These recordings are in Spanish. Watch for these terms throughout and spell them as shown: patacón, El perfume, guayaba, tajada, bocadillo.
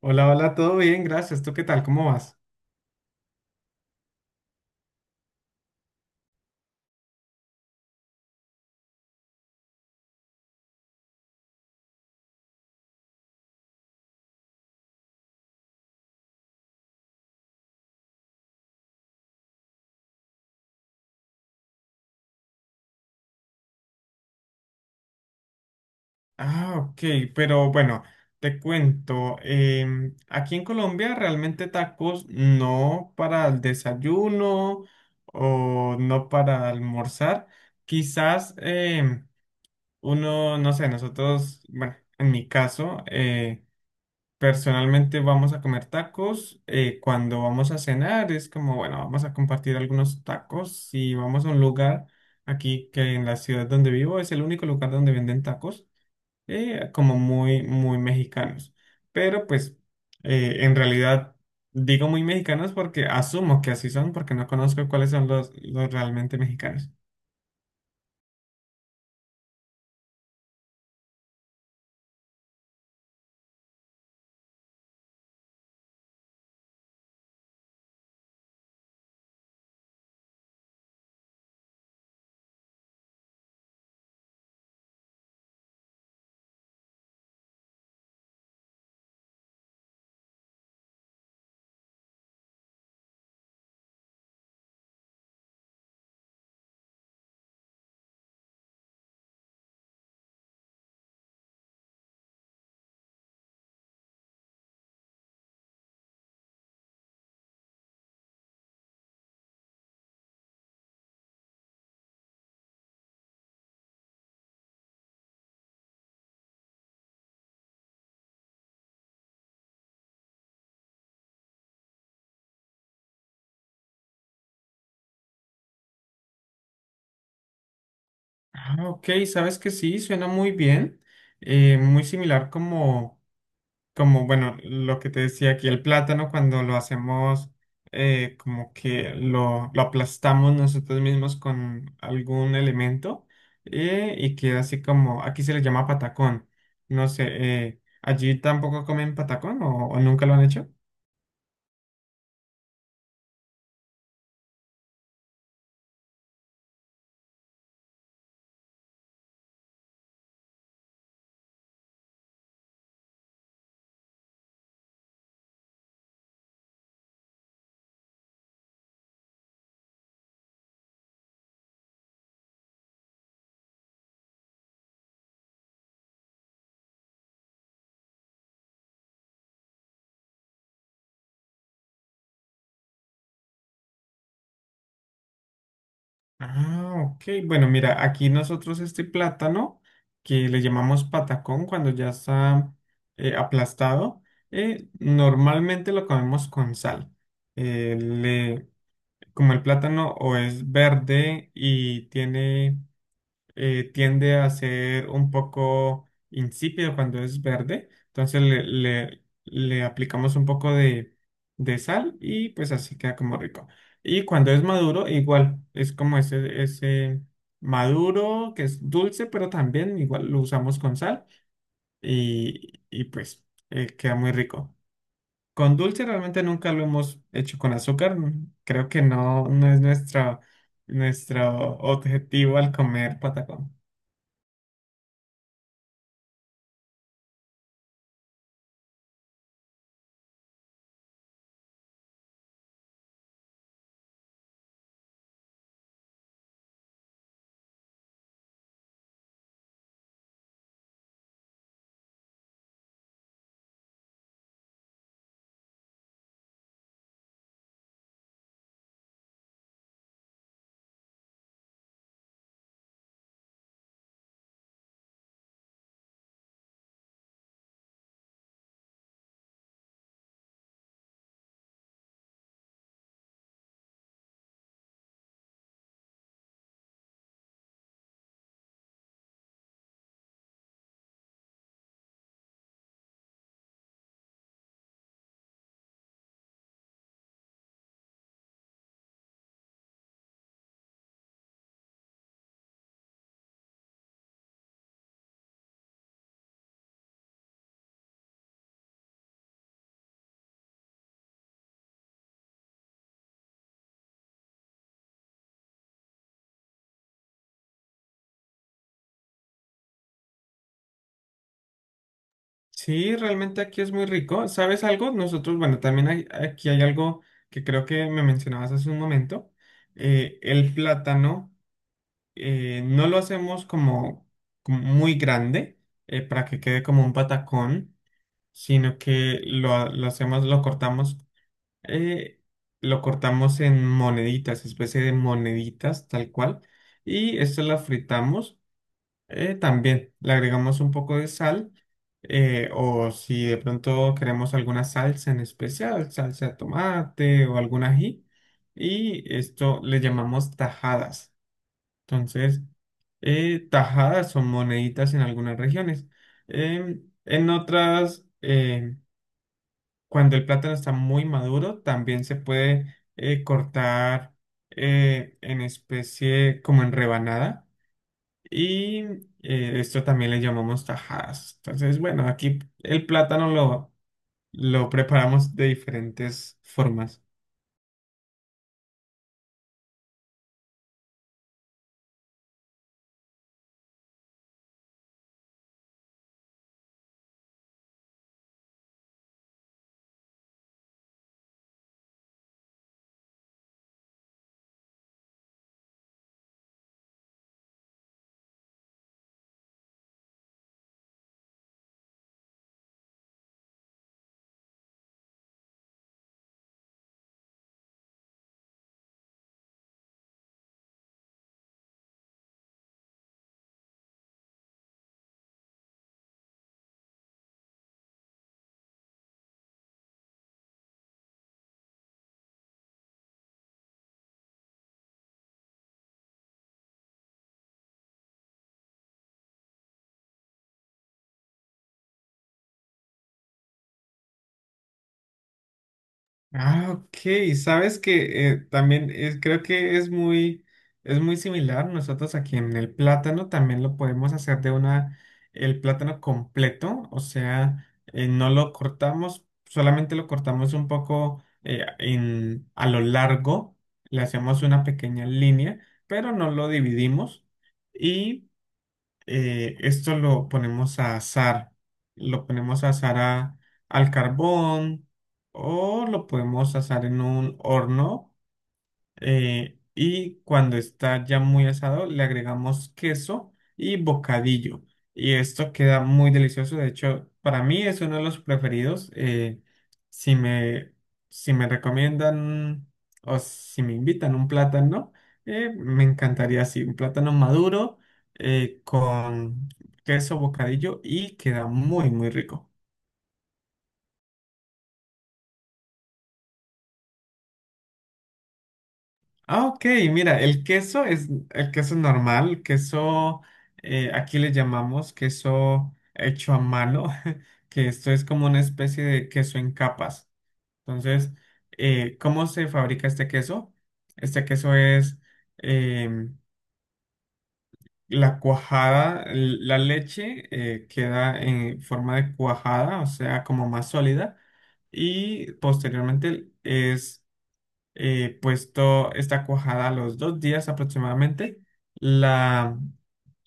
Hola, hola, todo bien, gracias. ¿Tú qué tal? ¿Cómo vas? Ah, ok, pero bueno, te cuento, aquí en Colombia realmente tacos no para el desayuno o no para almorzar. Quizás, uno, no sé, nosotros, bueno, en mi caso, personalmente vamos a comer tacos. Cuando vamos a cenar es como, bueno, vamos a compartir algunos tacos y vamos a un lugar aquí que en la ciudad donde vivo es el único lugar donde venden tacos, como muy, muy mexicanos. Pero pues en realidad digo muy mexicanos porque asumo que así son porque no conozco cuáles son los realmente mexicanos. Ah, ok, sabes que sí, suena muy bien. Muy similar como como bueno, lo que te decía aquí, el plátano cuando lo hacemos, como que lo aplastamos nosotros mismos con algún elemento, y queda así como, aquí se le llama patacón. No sé, ¿allí tampoco comen patacón o nunca lo han hecho? Ah, ok. Bueno, mira, aquí nosotros este plátano que le llamamos patacón cuando ya está aplastado, normalmente lo comemos con sal. Le, como el plátano o es verde y tiene, tiende a ser un poco insípido cuando es verde. Entonces le, le aplicamos un poco de sal y pues así queda como rico. Y cuando es maduro, igual, es como ese maduro que es dulce, pero también igual lo usamos con sal y pues queda muy rico. Con dulce realmente nunca lo hemos hecho con azúcar. Creo que no, no es nuestra, nuestro objetivo al comer patacón. Sí, realmente aquí es muy rico. ¿Sabes algo? Nosotros, bueno, también aquí hay algo que creo que me mencionabas hace un momento. El plátano, no lo hacemos como, como muy grande, para que quede como un patacón, sino que lo hacemos, lo cortamos. eh, lo cortamos en moneditas, especie de moneditas, tal cual. Y esto la fritamos, también. Le agregamos un poco de sal. Eh, o si de pronto queremos alguna salsa en especial, salsa de tomate o algún ají. Y esto le llamamos tajadas. Entonces, tajadas son moneditas en algunas regiones. En otras, cuando el plátano está muy maduro, también se puede cortar en especie como en rebanada. Y esto también le llamamos tajadas. Entonces, bueno, aquí el plátano lo preparamos de diferentes formas. Ah, ok. Sabes que también creo que es muy similar. Nosotros aquí en el plátano también lo podemos hacer de una, el plátano completo, o sea, no lo cortamos, solamente lo cortamos un poco, en, a lo largo, le hacemos una pequeña línea, pero no lo dividimos. Y esto lo ponemos a asar, lo ponemos a asar al carbón o lo podemos asar en un horno, y cuando está ya muy asado, le agregamos queso y bocadillo. Y esto queda muy delicioso. De hecho, para mí es uno de los preferidos. Si me, si me recomiendan o si me invitan un plátano, me encantaría así, un plátano maduro con queso, bocadillo y queda muy, muy rico. Ah, ok, mira, el queso es el queso normal, queso, aquí le llamamos queso hecho a mano, que esto es como una especie de queso en capas. Entonces, ¿cómo se fabrica este queso? Este queso es em, la cuajada, la leche queda en forma de cuajada, o sea, como más sólida, y posteriormente es puesto esta cuajada a los dos días aproximadamente, la,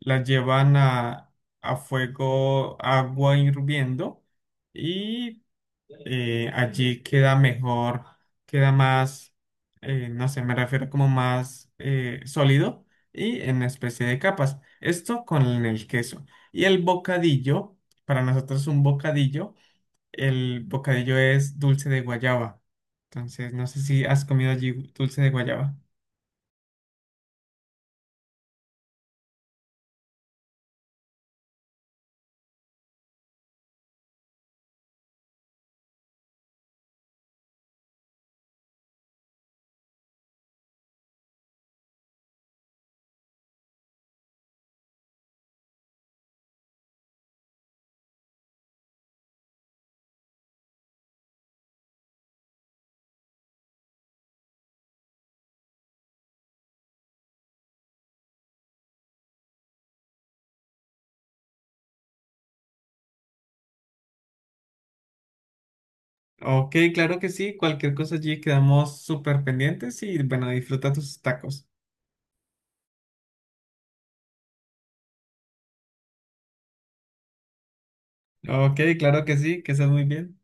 la llevan a fuego, agua hirviendo y allí queda mejor, queda más, no sé, me refiero como más sólido y en especie de capas. Esto con el queso. Y el bocadillo, para nosotros un bocadillo. El bocadillo es dulce de guayaba. Entonces, no sé si has comido allí dulce de guayaba. Ok, claro que sí. Cualquier cosa allí quedamos súper pendientes y bueno, disfruta tus tacos. Ok, claro que sí, que estés muy bien.